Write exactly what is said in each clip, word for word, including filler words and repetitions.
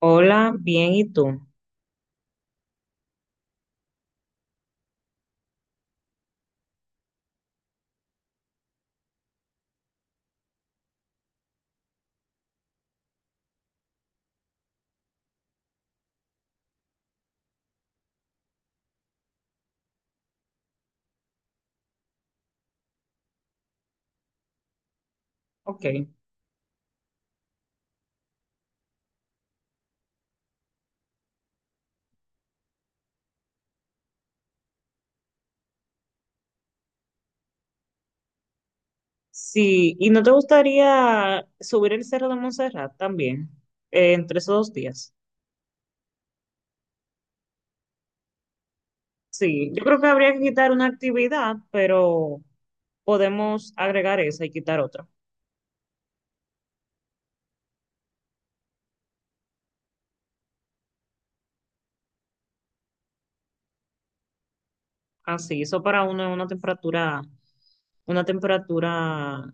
Hola, bien, ¿y tú? Ok. Sí, ¿y no te gustaría subir el Cerro de Montserrat también eh, entre esos dos días? Sí, yo creo que habría que quitar una actividad, pero podemos agregar esa y quitar otra. Así, eso para uno es una temperatura, una temperatura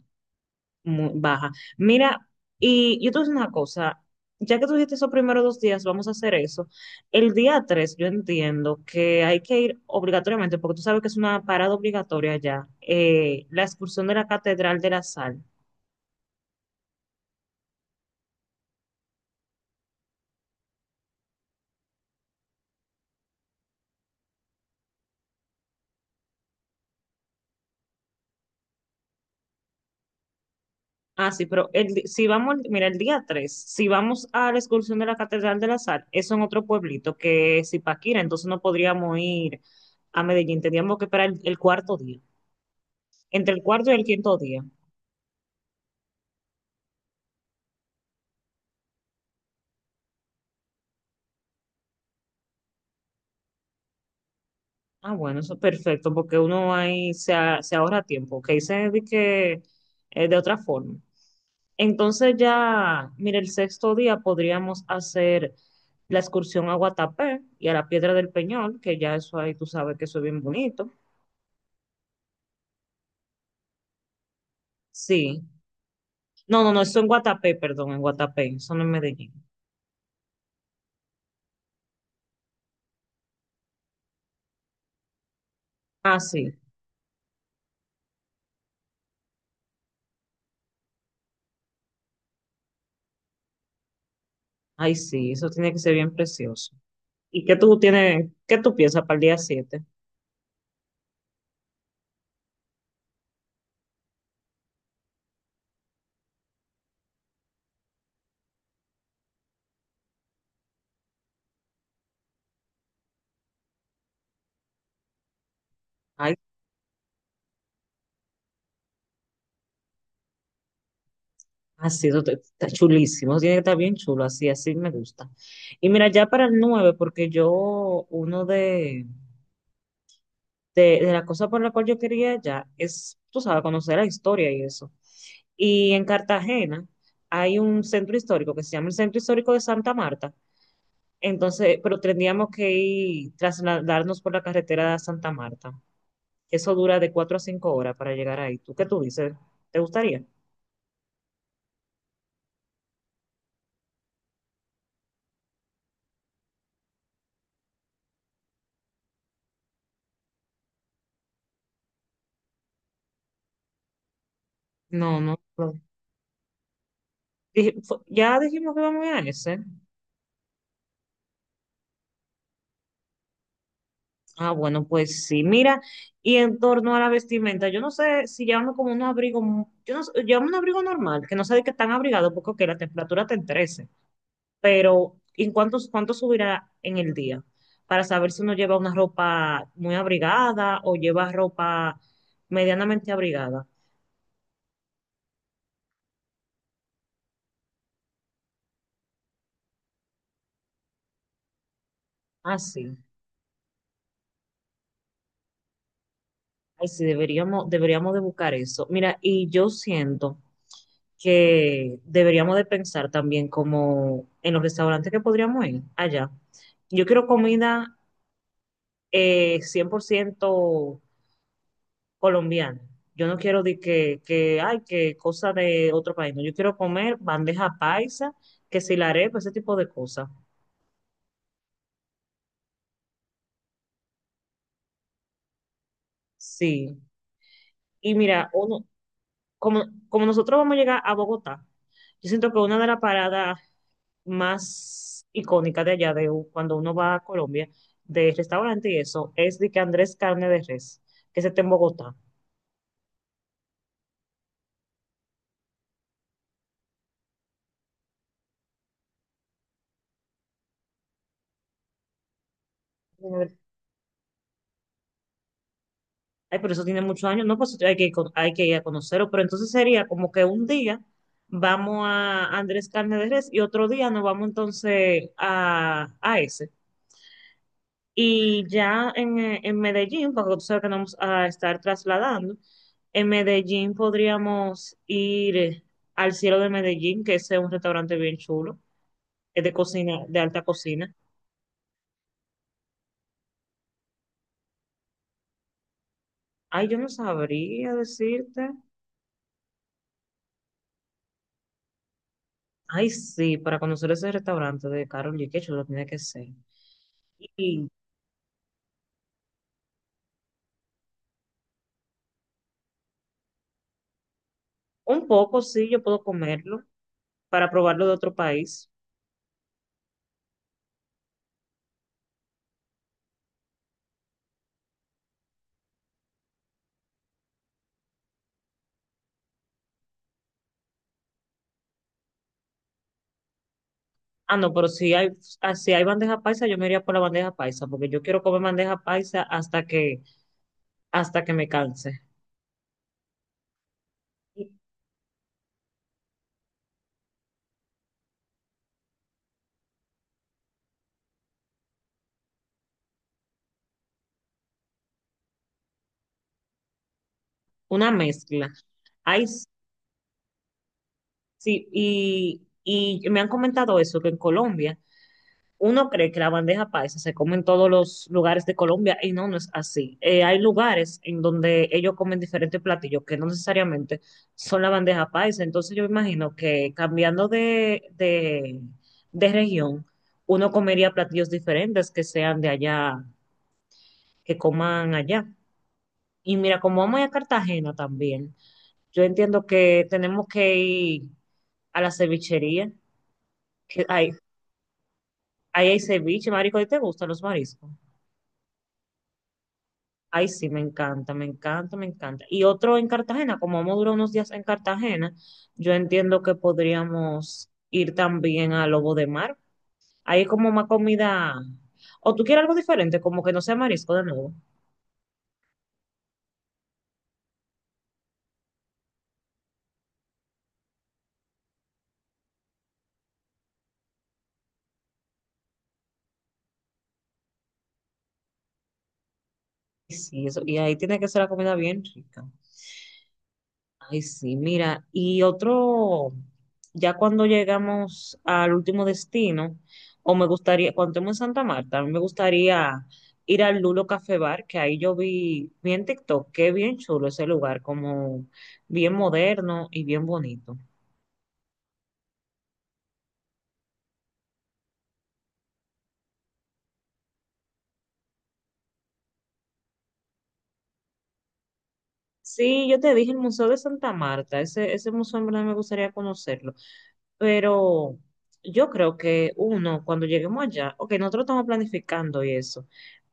muy baja. Mira, y yo te voy a decir una cosa, ya que tú dijiste esos primeros dos días, vamos a hacer eso. El día tres, yo entiendo que hay que ir obligatoriamente, porque tú sabes que es una parada obligatoria ya, eh, la excursión de la Catedral de la Sal. Ah, sí, pero el di- si vamos, al- mira, el día tres si vamos a la excursión de la Catedral de la Sal, eso en otro pueblito que es Ipaquira, entonces no podríamos ir a Medellín, tendríamos que esperar el el cuarto día, entre el cuarto y el quinto día. Ah, bueno, eso es perfecto, porque uno ahí se, a- se ahorra tiempo, que dice de que eh, de otra forma. Entonces ya, mira, el sexto día podríamos hacer la excursión a Guatapé y a la Piedra del Peñol, que ya eso ahí tú sabes que eso es bien bonito. Sí. No, no, no, eso en Guatapé, perdón, en Guatapé, eso no en Medellín. Ah, sí, ay, sí, eso tiene que ser bien precioso. ¿Y qué tú tienes, qué tú piensas para el día siete? Así, eso te- está chulísimo, eso tiene que estar bien chulo, así, así me gusta. Y mira, ya para el nueve porque yo, uno de, de, de las cosas por la cual yo quería ya es, tú sabes, conocer la historia y eso. Y en Cartagena hay un centro histórico que se llama el Centro Histórico de Santa Marta. Entonces, pero tendríamos que ir, trasladarnos por la carretera de Santa Marta. Eso dura de cuatro a cinco horas para llegar ahí. ¿Tú qué tú dices? ¿Te gustaría? No, no, no. Dije- fu- Ya dijimos que vamos a ir a ese. Ah, bueno, pues sí, mira, y en torno a la vestimenta, yo no sé si llevamos como un abrigo, mu- yo no sé, llevamos un abrigo normal, que no sé de qué tan abrigado, porque ok, la temperatura te en trece, pero ¿en cuánto, cuánto subirá en el día? Para saber si uno lleva una ropa muy abrigada o lleva ropa medianamente abrigada. Ah, sí, ay, sí, deberíamos, deberíamos de buscar eso. Mira, y yo siento que deberíamos de pensar también como en los restaurantes que podríamos ir allá. Yo quiero comida eh, cien por ciento colombiana. Yo no quiero de que, que, ay, que cosa de otro país. No, yo quiero comer bandeja paisa, que si la arepa, ese tipo de cosas. Sí. Y mira, uno, como, como nosotros vamos a llegar a Bogotá, yo siento que una de las paradas más icónica de allá, de u- cuando uno va a Colombia, de restaurante y eso, es de que Andrés Carne de Res, que ese está en Bogotá. Ay, pero eso tiene muchos años, no, pues hay que, co- hay que ir a conocerlo, pero entonces sería como que un día vamos a Andrés Carne de Res y otro día nos vamos entonces a, a ese. Y ya en, eh, en Medellín, porque tú sabes que nos vamos a estar trasladando, en Medellín podríamos ir eh, al Cielo de Medellín, que ese es un restaurante bien chulo. Es de cocina, de alta cocina. Ay, yo no sabría decirte. Ay, sí, para conocer ese restaurante de Carol G, que yo lo tiene que ser. Y un poco, sí, yo puedo comerlo para probarlo de otro país. Ah, no, pero si hay, ah, si hay bandeja paisa, yo me iría por la bandeja paisa, porque yo quiero comer bandeja paisa hasta que, hasta que me canse. Y una mezcla. Ay, sí, y, y me han comentado eso, que en Colombia uno cree que la bandeja paisa se come en todos los lugares de Colombia y no, no es así. Eh, hay lugares en donde ellos comen diferentes platillos que no necesariamente son la bandeja paisa. Entonces yo me imagino que cambiando de, de, de región, uno comería platillos diferentes que sean de allá, que coman allá. Y mira, como vamos a ir a Cartagena también, yo entiendo que tenemos que ir a la cevichería, que hay, ahí hay ceviche, marico, ¿y te gustan los mariscos? Ay, sí, me encanta, me encanta, me encanta. Y otro en Cartagena, como vamos a durar unos días en Cartagena, yo entiendo que podríamos ir también a Lobo de Mar. Ahí es como más comida. O tú quieres algo diferente, como que no sea marisco de nuevo. Y sí, eso. Y ahí tiene que ser la comida bien rica. Ay, sí, mira, y otro, ya cuando llegamos al último destino, o me gustaría, cuando estemos en Santa Marta, a mí me gustaría ir al Lulo Café Bar, que ahí yo vi, vi en TikTok, que bien chulo ese lugar, como bien moderno y bien bonito. Sí, yo te dije el Museo de Santa Marta, ese, ese museo en verdad me gustaría conocerlo. Pero yo creo que uno, cuando lleguemos allá, ok, nosotros estamos planificando y eso,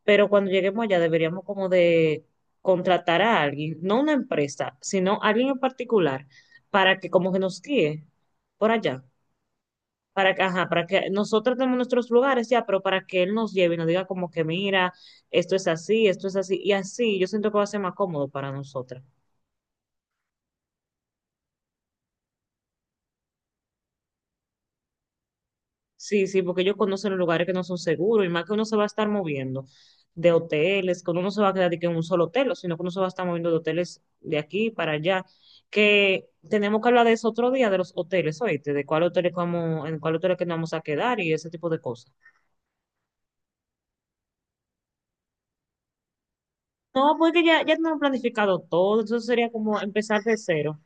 pero cuando lleguemos allá deberíamos como de contratar a alguien, no una empresa, sino alguien en particular, para que como que nos guíe por allá, para que, ajá, para que nosotros tenemos nuestros lugares ya, pero para que él nos lleve y nos diga como que mira, esto es así, esto es así, y así yo siento que va a ser más cómodo para nosotras. Sí, sí, porque ellos conocen los lugares que no son seguros y más que uno se va a estar moviendo de hoteles, que uno no se va a quedar de que en un solo hotel, o sino que uno se va a estar moviendo de hoteles de aquí para allá. Que tenemos que hablar de eso otro día, de los hoteles, oíste, de cuál hotel es que vamos, en cuál hotel es que nos vamos a quedar y ese tipo de cosas. No, porque ya, ya tenemos planificado todo, entonces sería como empezar de cero.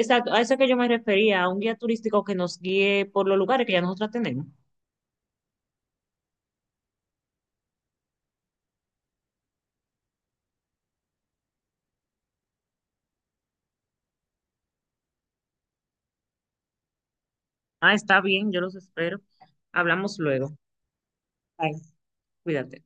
Exacto, a eso que yo me refería, a un guía turístico que nos guíe por los lugares que ya nosotros tenemos. Ah, está bien, yo los espero. Hablamos luego. Bye, cuídate.